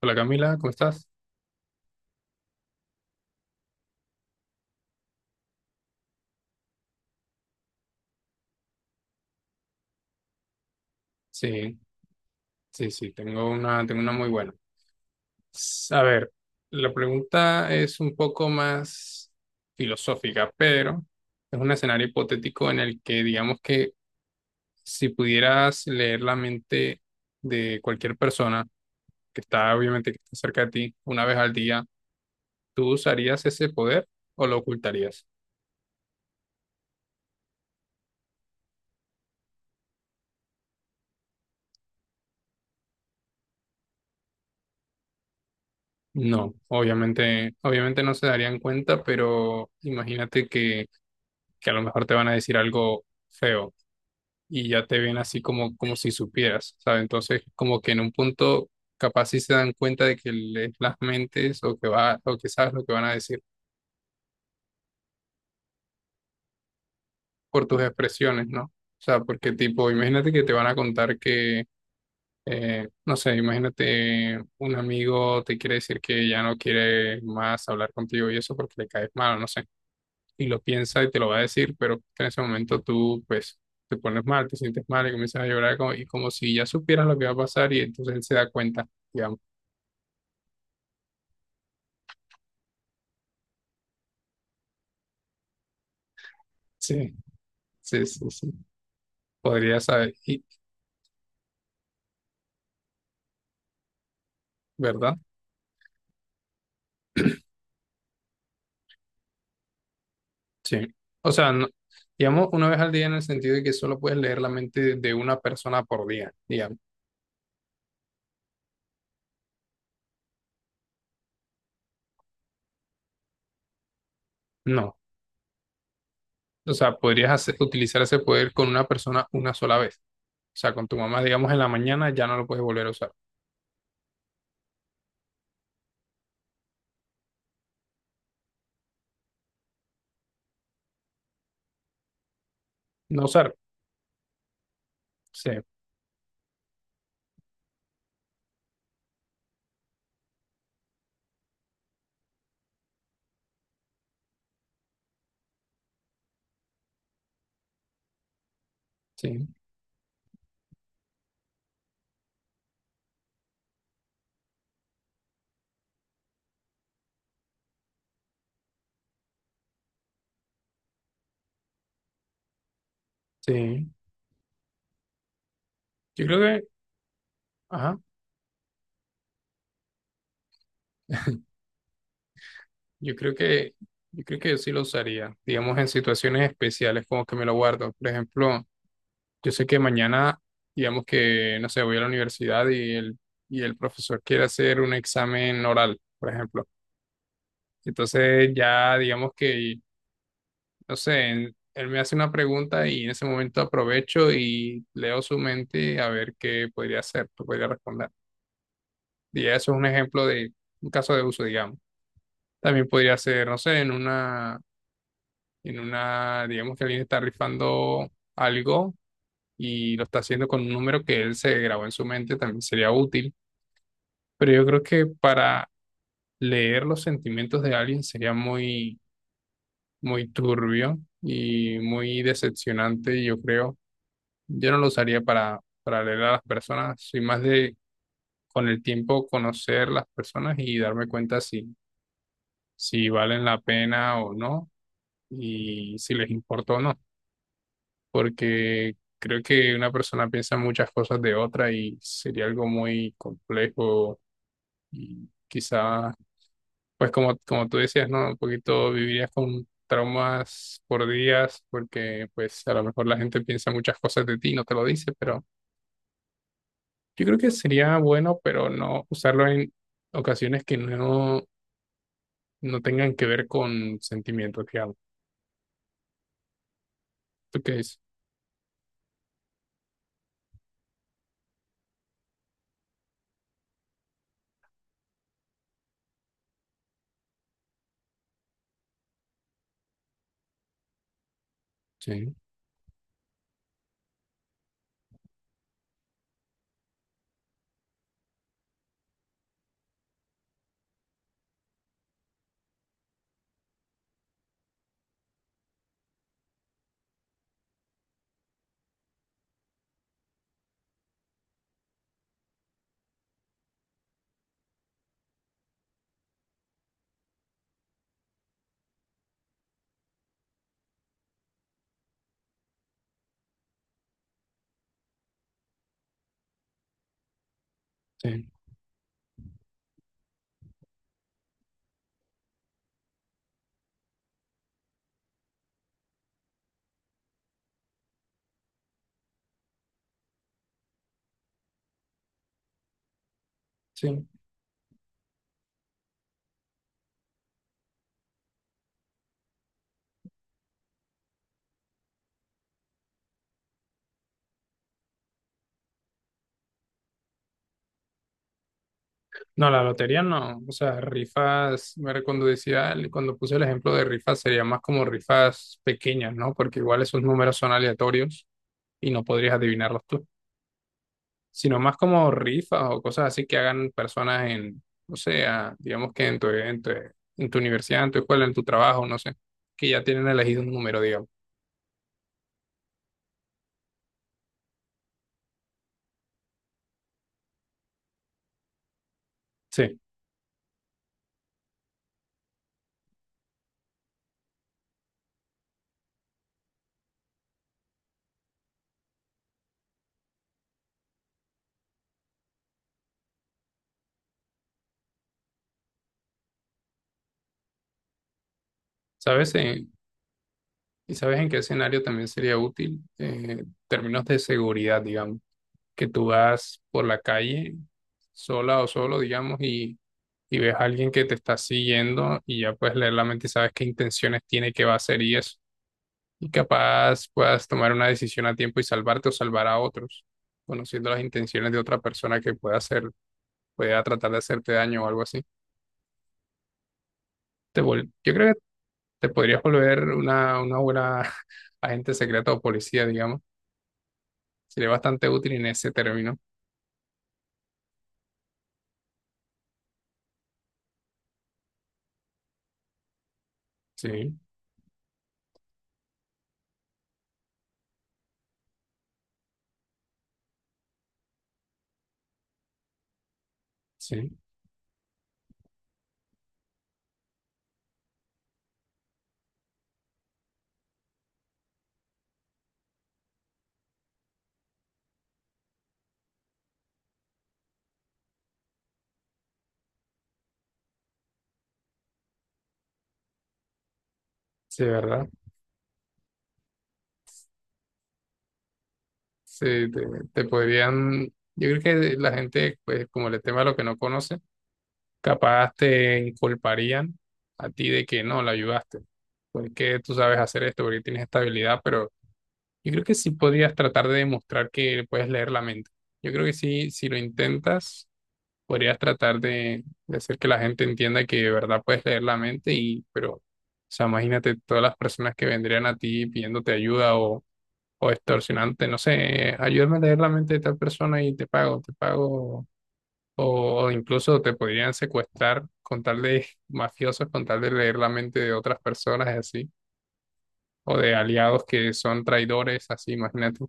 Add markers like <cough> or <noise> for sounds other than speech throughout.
Hola Camila, ¿cómo estás? Sí, sí, sí, tengo una muy buena. A ver, la pregunta es un poco más filosófica, pero es un escenario hipotético en el que digamos que si pudieras leer la mente de cualquier persona que está obviamente que está cerca de ti una vez al día, ¿tú usarías ese poder o lo ocultarías? No, obviamente, obviamente no se darían cuenta, pero imagínate que a lo mejor te van a decir algo feo y ya te ven así como, como si supieras, ¿sabes? Entonces, como que en un punto capaz sí se dan cuenta de que lees las mentes o que va, o que sabes lo que van a decir por tus expresiones, ¿no? O sea, porque tipo, imagínate que te van a contar que, no sé, imagínate un amigo te quiere decir que ya no quiere más hablar contigo y eso porque le caes mal, no sé. Y lo piensa y te lo va a decir, pero en ese momento tú, pues, te pones mal, te sientes mal y comienzas a llorar como, y como si ya supieras lo que va a pasar y entonces él se da cuenta, digamos. Sí, sí, sí, sí. Podría saber, y, ¿verdad? Sí. O sea, digamos, una vez al día en el sentido de que solo puedes leer la mente de una persona por día, digamos. No. O sea, podrías utilizar ese poder con una persona una sola vez. O sea, con tu mamá, digamos, en la mañana ya no lo puedes volver a usar. No usar. Sí, sí, sí. Yo creo que, ajá. Yo creo que, yo creo que yo sí lo usaría, digamos en situaciones especiales, como que me lo guardo. Por ejemplo, yo sé que mañana, digamos que, no sé, voy a la universidad y el profesor quiere hacer un examen oral, por ejemplo. Entonces ya, digamos que, no sé, él me hace una pregunta y en ese momento aprovecho y leo su mente a ver qué podría hacer, qué podría responder. Y eso es un ejemplo de un caso de uso, digamos. También podría ser, no sé, en una, digamos que alguien está rifando algo y lo está haciendo con un número que él se grabó en su mente, también sería útil, pero yo creo que para leer los sentimientos de alguien sería muy, muy turbio y muy decepcionante, yo creo. Yo no lo usaría para leer a las personas, soy más de con el tiempo conocer las personas y darme cuenta si, si valen la pena o no y si les importa o no. Porque creo que una persona piensa muchas cosas de otra y sería algo muy complejo y quizá, pues como, como tú decías, ¿no? Un poquito vivirías con traumas por días porque pues a lo mejor la gente piensa muchas cosas de ti, y no te lo dice, pero yo creo que sería bueno, pero no usarlo en ocasiones que no, no tengan que ver con sentimientos, digamos. ¿Tú qué dices? Sí, sí, sí. No, la lotería no. O sea, rifas, bueno, cuando decía, cuando puse el ejemplo de rifas, sería más como rifas pequeñas, ¿no? Porque igual esos números son aleatorios y no podrías adivinarlos tú. Sino más como rifas o cosas así que hagan personas en, o sea, digamos que en tu, en tu, en tu universidad, en tu escuela, en tu trabajo, no sé, que ya tienen elegido un número, digamos. Sí. ¿Sabes? en- ¿Y sabes en qué escenario también sería útil? En términos de seguridad, digamos que tú vas por la calle sola o solo, digamos, y ves a alguien que te está siguiendo y ya puedes leer la mente y sabes qué intenciones tiene, qué va a hacer y eso. Y capaz puedas tomar una decisión a tiempo y salvarte o salvar a otros, conociendo las intenciones de otra persona que pueda hacer, pueda tratar de hacerte daño o algo así. Yo creo que te podrías volver una buena <laughs> agente secreta o policía, digamos. Sería bastante útil en ese término. Sí, sí, sí, ¿verdad? Sí, te podrían, yo creo que la gente, pues como el tema de lo que no conoce, capaz te inculparían a ti de que no, la ayudaste, porque tú sabes hacer esto, porque tienes esta habilidad, pero yo creo que sí podrías tratar de demostrar que puedes leer la mente. Yo creo que sí, si lo intentas, podrías tratar de hacer que la gente entienda que de verdad puedes leer la mente y, pero, o sea, imagínate todas las personas que vendrían a ti pidiéndote ayuda o extorsionante, no sé, ayúdame a leer la mente de tal persona y te pago, o incluso te podrían secuestrar con tal de <laughs> mafiosos, con tal de leer la mente de otras personas, así, o de aliados que son traidores, así, imagínate.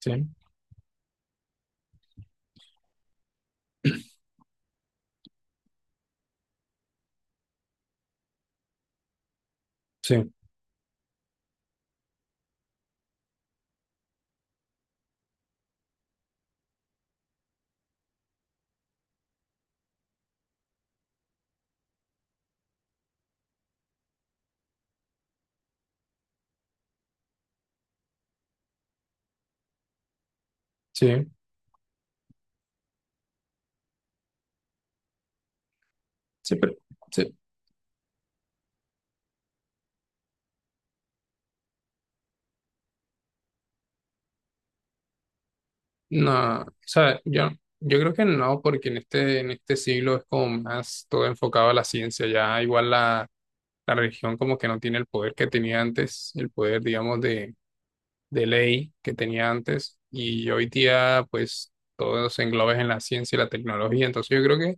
Sí, sí, sí, sí, pero, sí, no, o sea, yo creo que no, porque en este siglo es como más todo enfocado a la ciencia, ya igual la, la religión como que no tiene el poder que tenía antes, el poder, digamos, de ley que tenía antes y hoy día pues todo se engloba en la ciencia y la tecnología, entonces yo creo que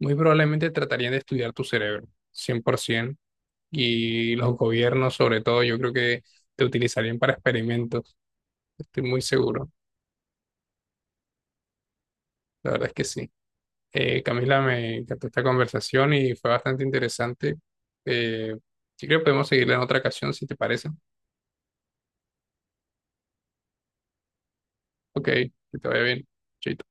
muy probablemente tratarían de estudiar tu cerebro 100% y los gobiernos sobre todo yo creo que te utilizarían para experimentos, estoy muy seguro, la verdad es que sí. Camila, me encantó esta conversación y fue bastante interesante. Eh, yo creo que podemos seguirla en otra ocasión si te parece. Ok, que te vaya bien. Chaito.